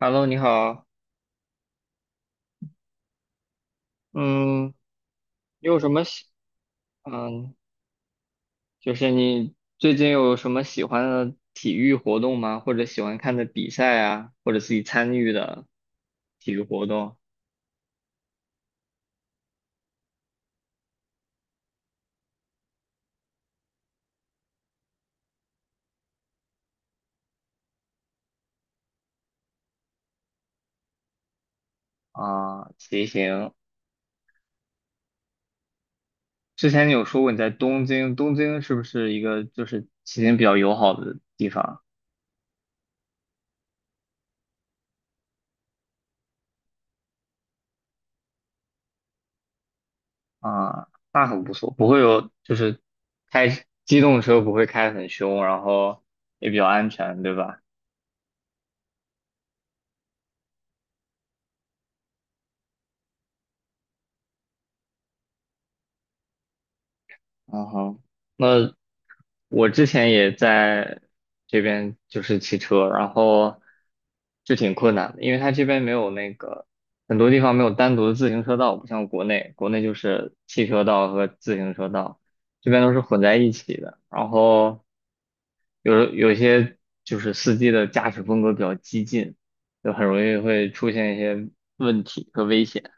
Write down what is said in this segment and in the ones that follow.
Hello，你好。嗯，你有什么喜，嗯，就是你最近有什么喜欢的体育活动吗？或者喜欢看的比赛啊，或者自己参与的体育活动啊，骑行。之前你有说过你在东京是不是一个就是骑行比较友好的地方啊？那很不错，不会有就是开机动车不会开得很凶，然后也比较安全，对吧？啊哈，那我之前也在这边就是骑车，然后就挺困难的，因为它这边没有那个很多地方没有单独的自行车道，不像国内，国内就是汽车道和自行车道，这边都是混在一起的。然后有些就是司机的驾驶风格比较激进，就很容易会出现一些问题和危险。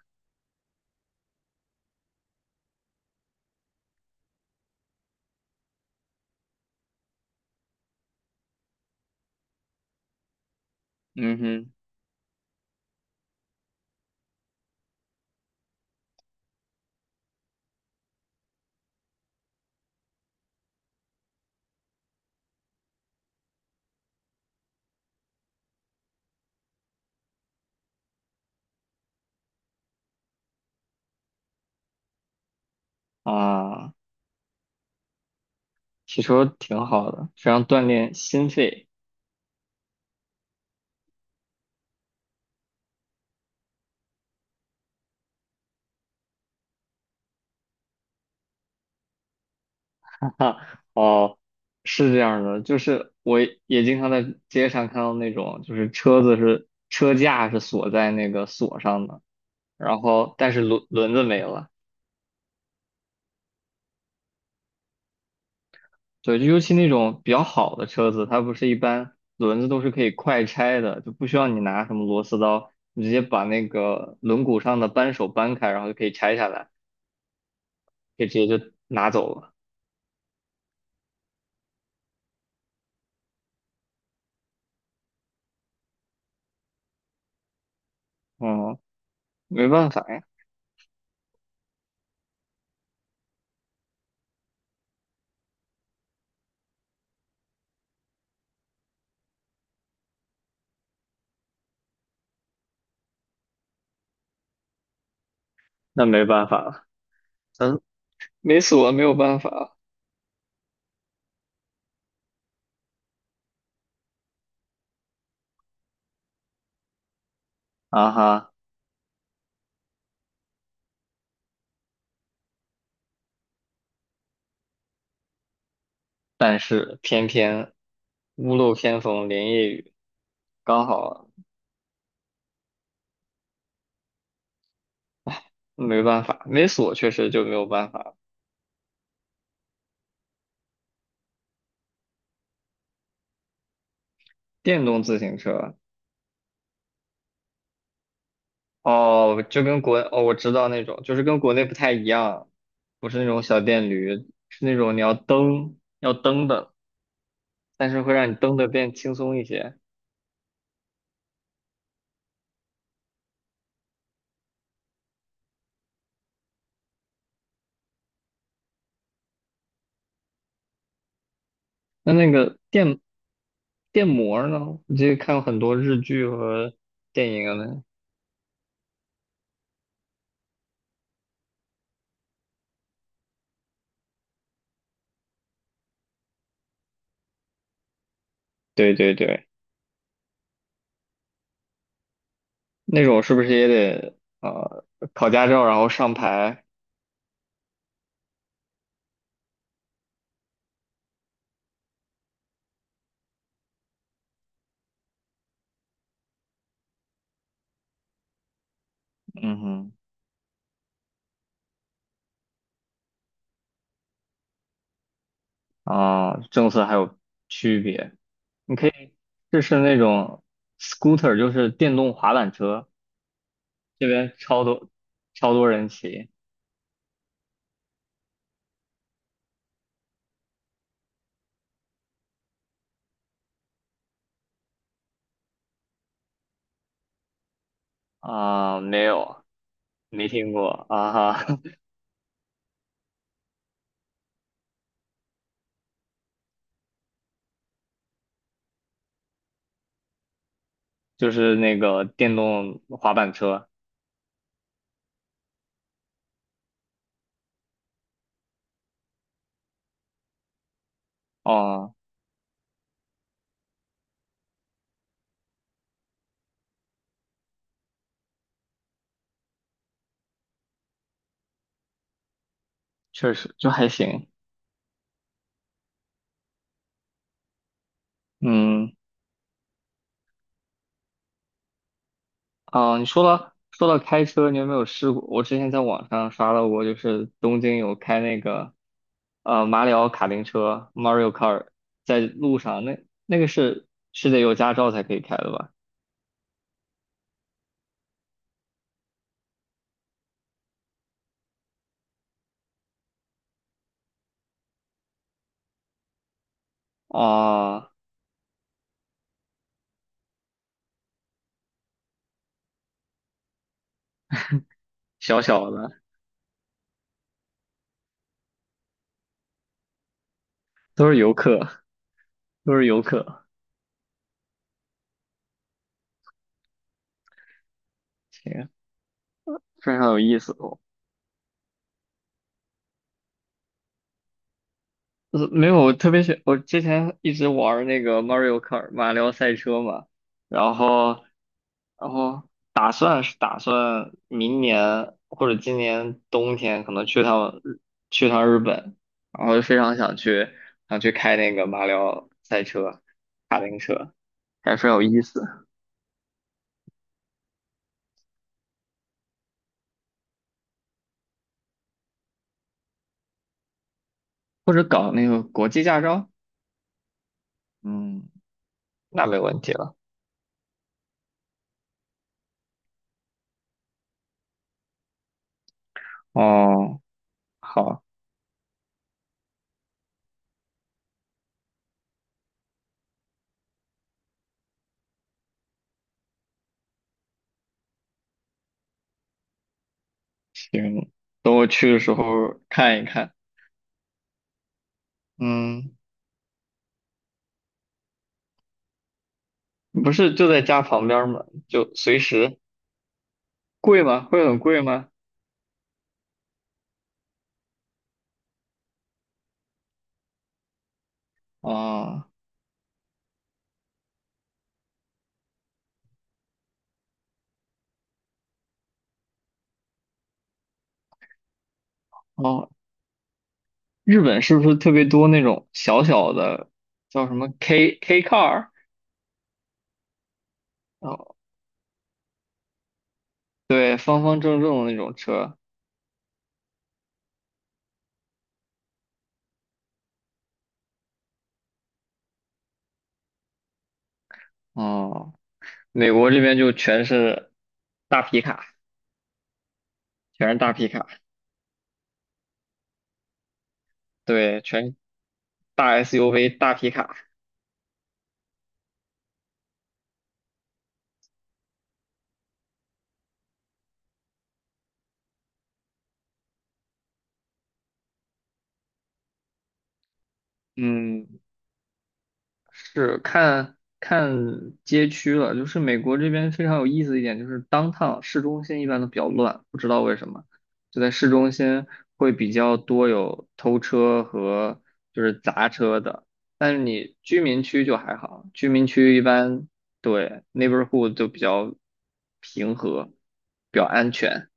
嗯哼，啊。骑车挺好的，非常锻炼心肺。哈，哦，是这样的，就是我也经常在街上看到那种，就是车子是车架是锁在那个锁上的，然后但是轮子没了。对，就尤其那种比较好的车子，它不是一般轮子都是可以快拆的，就不需要你拿什么螺丝刀，你直接把那个轮毂上的扳手扳开，然后就可以拆下来，可以直接就拿走了。嗯，没办法呀，那没办法了，嗯，没锁没有办法。啊哈。但是偏偏屋漏偏逢连夜雨，刚好没办法，没锁确实就没有办法。电动自行车哦，就跟国哦，我知道那种，就是跟国内不太一样，不是那种小电驴，是那种你要蹬的，但是会让你蹬的变轻松一些。那电摩儿呢？我记得看过很多日剧和电影呢。对对对。那种是不是也得考驾照，然后上牌？嗯哼，啊，政策还有区别。你可以试试那种 scooter，就是电动滑板车，这边超多人骑啊，没有，没听过啊哈，就是那个电动滑板车，哦，确实就还行，嗯。啊，你说了说到开车，你有没有试过？我之前在网上刷到过，就是东京有开那个马里奥卡丁车 Mario Kart 在路上，那个是是得有驾照才可以开的吧？啊，小小的都是游客，都是游客，行，非常有意思哦。呃没有，我特别喜，我之前一直玩儿那个 Mario Kart 马里奥赛车嘛，然后然后打算是打算明年或者今年冬天可能去趟日本，然后非常想去想去开那个马里奥赛车、卡丁车，还是有意思，或者搞那个国际驾照，嗯，那没问题了。哦，好，行，等我去的时候看一看。嗯，不是就在家旁边吗？就随时。贵吗？会很贵吗？啊、哦，日本是不是特别多那种小小的，叫什么 K K car？哦，对，方方正正的那种车。哦，美国这边就全是大皮卡，全是大皮卡，对，全大 SUV 大皮卡。嗯，是看看街区了，就是美国这边非常有意思的一点就是当趟市中心一般都比较乱，不知道为什么，就在市中心会比较多有偷车和就是砸车的，但是你居民区就还好，居民区一般对 neighborhood 就比较平和，比较安全。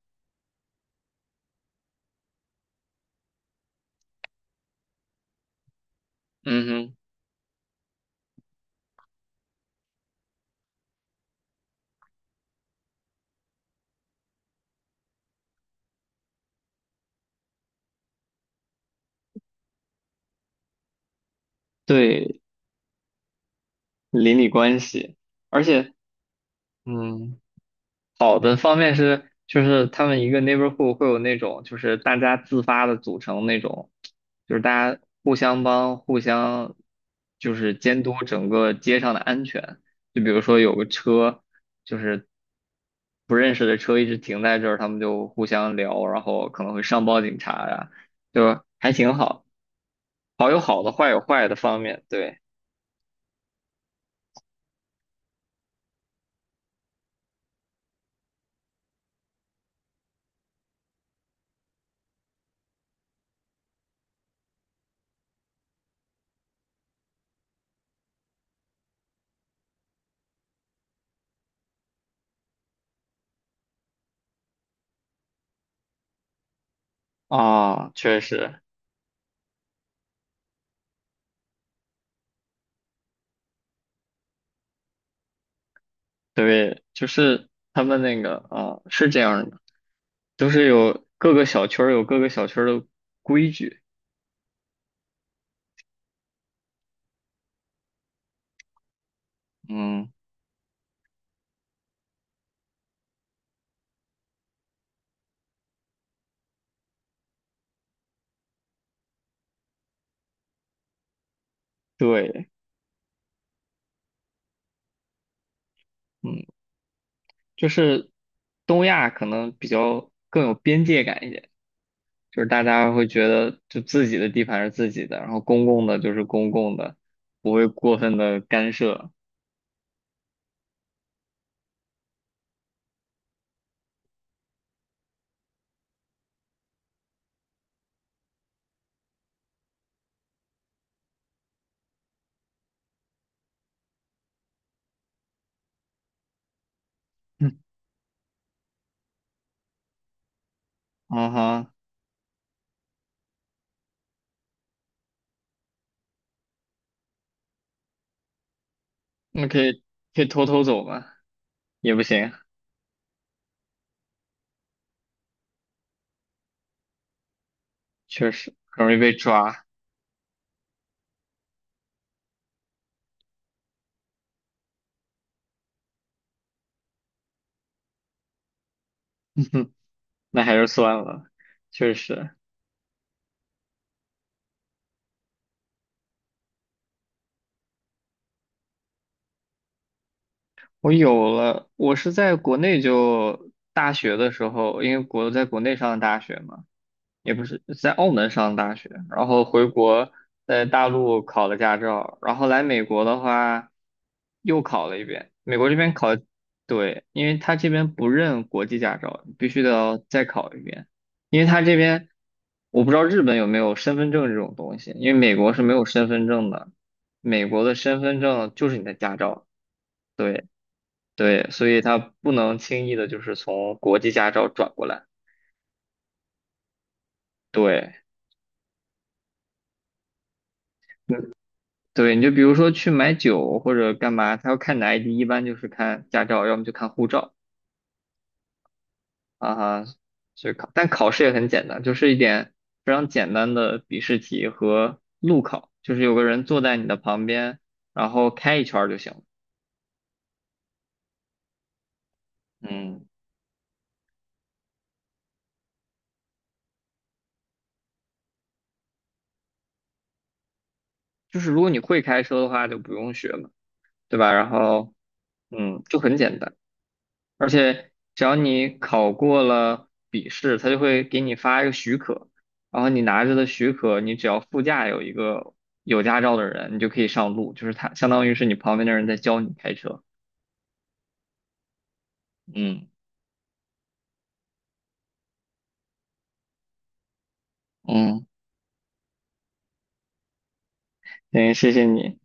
嗯哼，对，邻里关系，而且嗯。好的方面是，就是他们一个 neighborhood 会有那种，就是大家自发的组成那种，就是大家互相帮、互相就是监督整个街上的安全。就比如说有个车，就是不认识的车一直停在这儿，他们就互相聊，然后可能会上报警察呀，就还挺好，好有好的，坏有坏的方面，对啊，确实。对，就是他们那个啊，是这样的，都是有各个小区儿的规矩。嗯对，嗯，就是东亚可能比较更有边界感一点，就是大家会觉得就自己的地盘是自己的，然后公共的就是公共的，不会过分的干涉。嗯，啊哈，那可以偷偷走吗？也不行，确实很容易被抓，那还是算了，确实。我有了，我是在国内就大学的时候，因为国在国内上的大学嘛，也不是在澳门上的大学，然后回国在大陆考了驾照，然后来美国的话又考了一遍。美国这边考，对，因为他这边不认国际驾照，必须得要再考一遍，因为他这边我不知道日本有没有身份证这种东西，因为美国是没有身份证的，美国的身份证就是你的驾照。对。对，所以它不能轻易的就是从国际驾照转过来。对，对，你就比如说去买酒或者干嘛，他要看你的 ID，一般就是看驾照，要么就看护照啊哈。所以考，但考试也很简单，就是一点非常简单的笔试题和路考，就是有个人坐在你的旁边，然后开一圈儿就行了。嗯，就是如果你会开车的话，就不用学嘛，对吧？然后，嗯，就很简单。而且只要你考过了笔试，他就会给你发一个许可，然后你拿着的许可，你只要副驾有一个有驾照的人，你就可以上路，就是他相当于是你旁边的人在教你开车。嗯，嗯，行，谢谢你。